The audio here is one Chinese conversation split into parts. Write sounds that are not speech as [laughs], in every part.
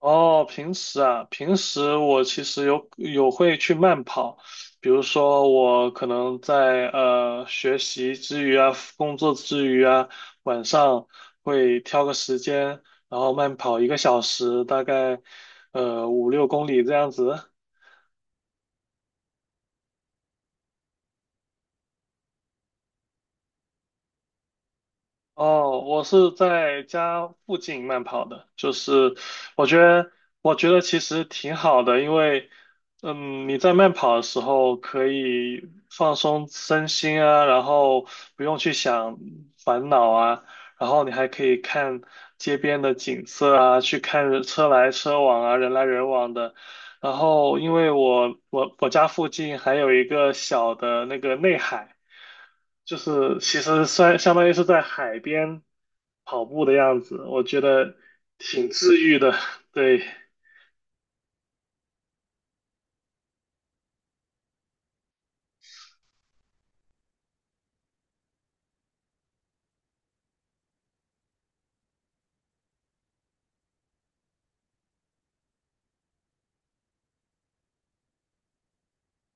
哦，平时我其实有会去慢跑，比如说我可能在学习之余啊，工作之余啊，晚上会挑个时间，然后慢跑一个小时，大概五六公里这样子。哦，我是在家附近慢跑的，就是我觉得我觉得其实挺好的，因为你在慢跑的时候可以放松身心啊，然后不用去想烦恼啊，然后你还可以看街边的景色啊，去看车来车往啊，人来人往的。然后因为我家附近还有一个小的那个内海。就是其实算相当于是在海边跑步的样子，我觉得挺治愈的。[laughs] 对，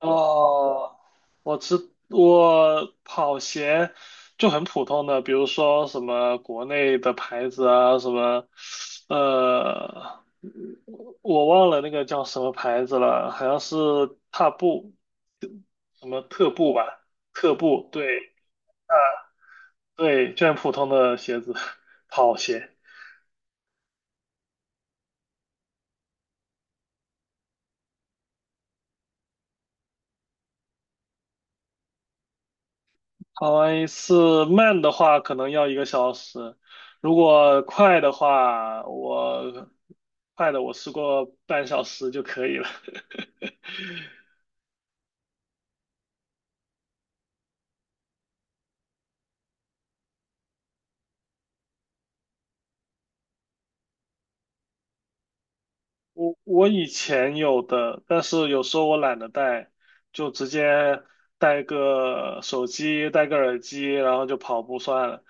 哦，我跑鞋就很普通的，比如说什么国内的牌子啊，什么呃，我忘了那个叫什么牌子了，好像是踏步，什么特步吧，特步，对对，就很普通的鞋子，[laughs] 跑鞋。跑完一次慢的话可能要一个小时，如果快的话，快的我试过半小时就可以了。[laughs] 我以前有的，但是有时候我懒得带，就直接带个手机，带个耳机，然后就跑步算了。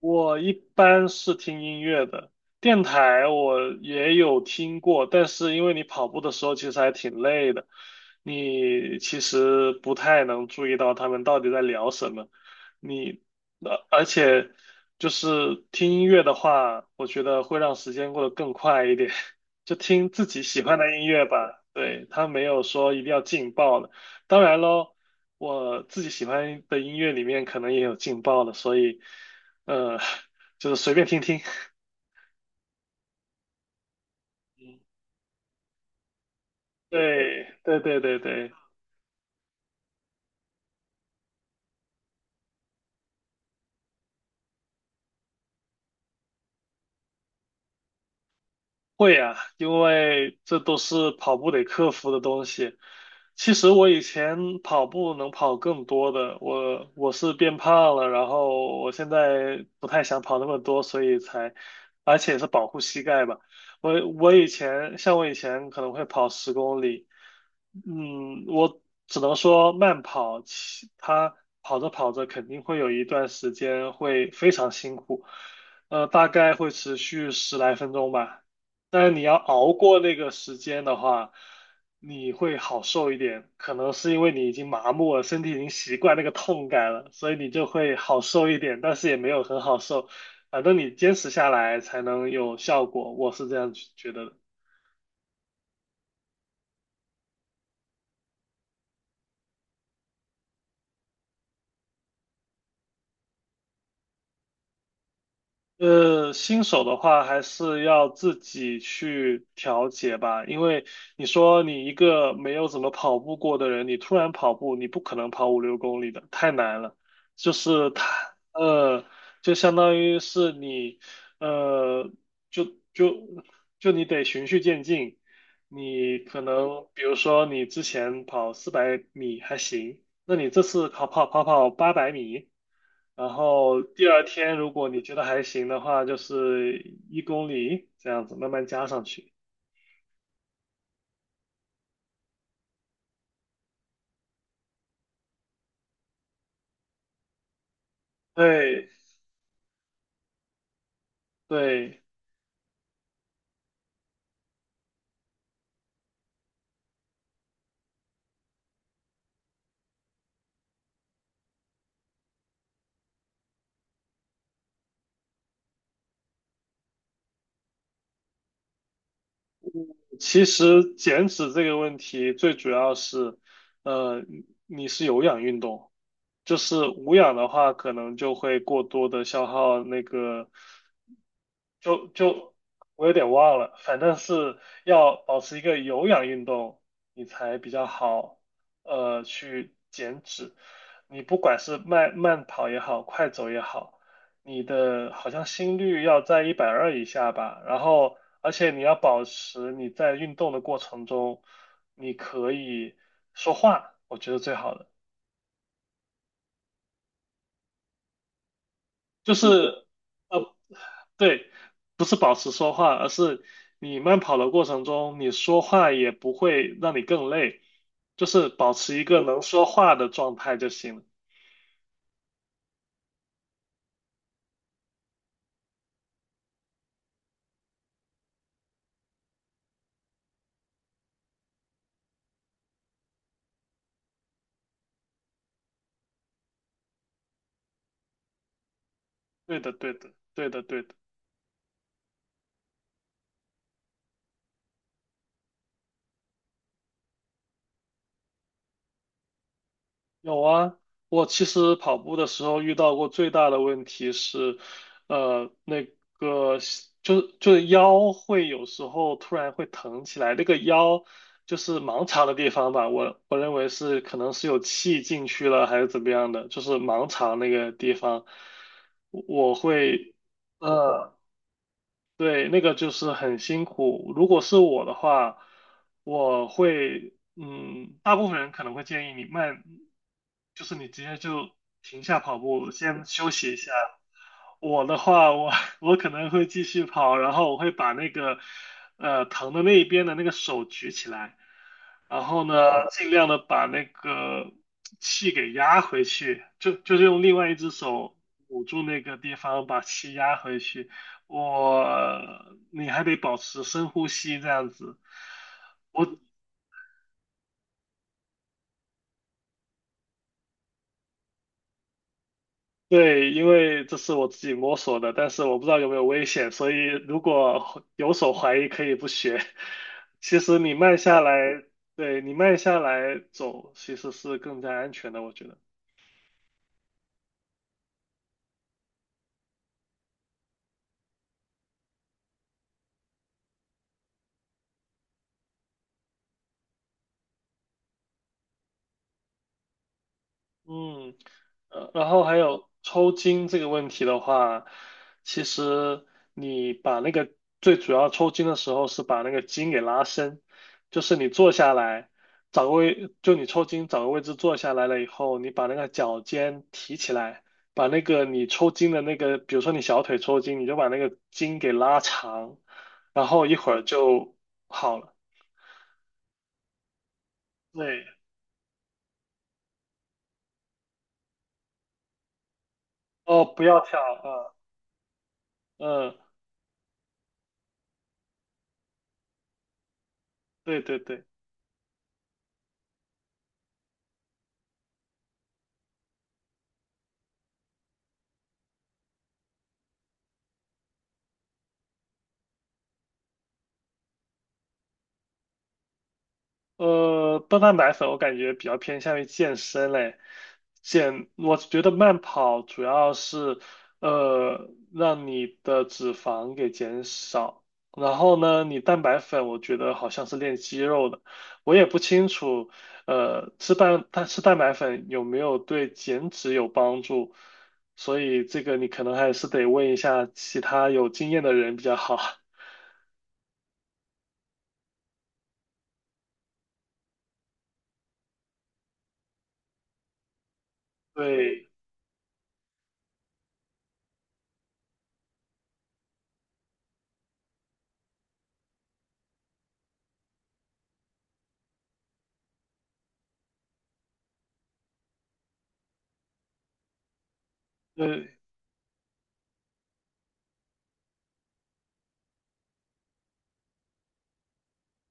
我一般是听音乐的，电台我也有听过，但是因为你跑步的时候其实还挺累的，你其实不太能注意到他们到底在聊什么。你，而且就是听音乐的话，我觉得会让时间过得更快一点，[laughs] 就听自己喜欢的音乐吧。对，它没有说一定要劲爆的。当然喽，我自己喜欢的音乐里面可能也有劲爆的，所以，呃，[laughs] 就是随便听听。[laughs] 对，对对对对，会啊，因为这都是跑步得克服的东西。其实我以前跑步能跑更多的，我是变胖了，然后我现在不太想跑那么多，所以才，而且是保护膝盖吧。我以前可能会跑10公里，我只能说慢跑，其他跑着跑着肯定会有一段时间会非常辛苦，大概会持续十来分钟吧。但是你要熬过那个时间的话，你会好受一点。可能是因为你已经麻木了，身体已经习惯那个痛感了，所以你就会好受一点，但是也没有很好受。反正你坚持下来才能有效果，我是这样觉得的。新手的话还是要自己去调节吧，因为你说你一个没有怎么跑步过的人，你突然跑步，你不可能跑五六公里的，太难了。就是他，呃，就相当于是你，呃，就就就你得循序渐进。你可能比如说你之前跑400米还行，那你这次跑800米。然后第二天如果你觉得还行的话，就是1公里这样子慢慢加上去。对对，其实减脂这个问题最主要是，你是有氧运动，就是无氧的话，可能就会过多的消耗那个。就就我有点忘了，反正是要保持一个有氧运动，你才比较好，去减脂。你不管是慢慢跑也好，快走也好，你的好像心率要在120以下吧。然后，而且你要保持你在运动的过程中，你可以说话，我觉得最好的就是，呃，对，不是保持说话，而是你慢跑的过程中，你说话也不会让你更累，就是保持一个能说话的状态就行了。对的，对的，对的，对的。有啊，我其实跑步的时候遇到过最大的问题是，那个就是腰会有时候突然会疼起来，那个腰就是盲肠的地方吧，我认为是可能是有气进去了还是怎么样的，就是盲肠那个地方，我会呃。对，那个就是很辛苦。如果是我的话，我会，大部分人可能会建议你慢，就是你直接就停下跑步，先休息一下。我的话，我 [laughs] 我可能会继续跑，然后我会把那个，疼的那一边的那个手举起来，然后呢，尽量的把那个气给压回去，就是用另外一只手捂住那个地方，把气压回去。我你还得保持深呼吸这样子。我对，因为这是我自己摸索的，但是我不知道有没有危险，所以如果有所怀疑，可以不学。其实你慢下来，对，你慢下来走，其实是更加安全的，我觉得。嗯，然后还有抽筋这个问题的话，其实你把那个最主要抽筋的时候是把那个筋给拉伸，就是你坐下来，找个位，就你抽筋找个位置坐下来了以后，你把那个脚尖提起来，把那个你抽筋的那个，比如说你小腿抽筋，你就把那个筋给拉长，然后一会儿就好了。对，哦，不要跳啊，嗯，对对对。高蛋白粉我感觉比较偏向于健身嘞，我觉得慢跑主要是让你的脂肪给减少，然后呢，你蛋白粉我觉得好像是练肌肉的，我也不清楚，它吃蛋白粉有没有对减脂有帮助，所以这个你可能还是得问一下其他有经验的人比较好。[laughs] 对，呃，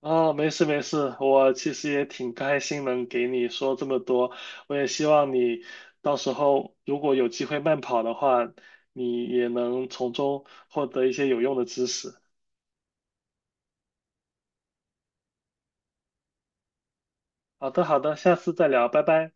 啊，没事没事，我其实也挺开心能给你说这么多，我也希望你到时候如果有机会慢跑的话，你也能从中获得一些有用的知识。好的好的，下次再聊，拜拜。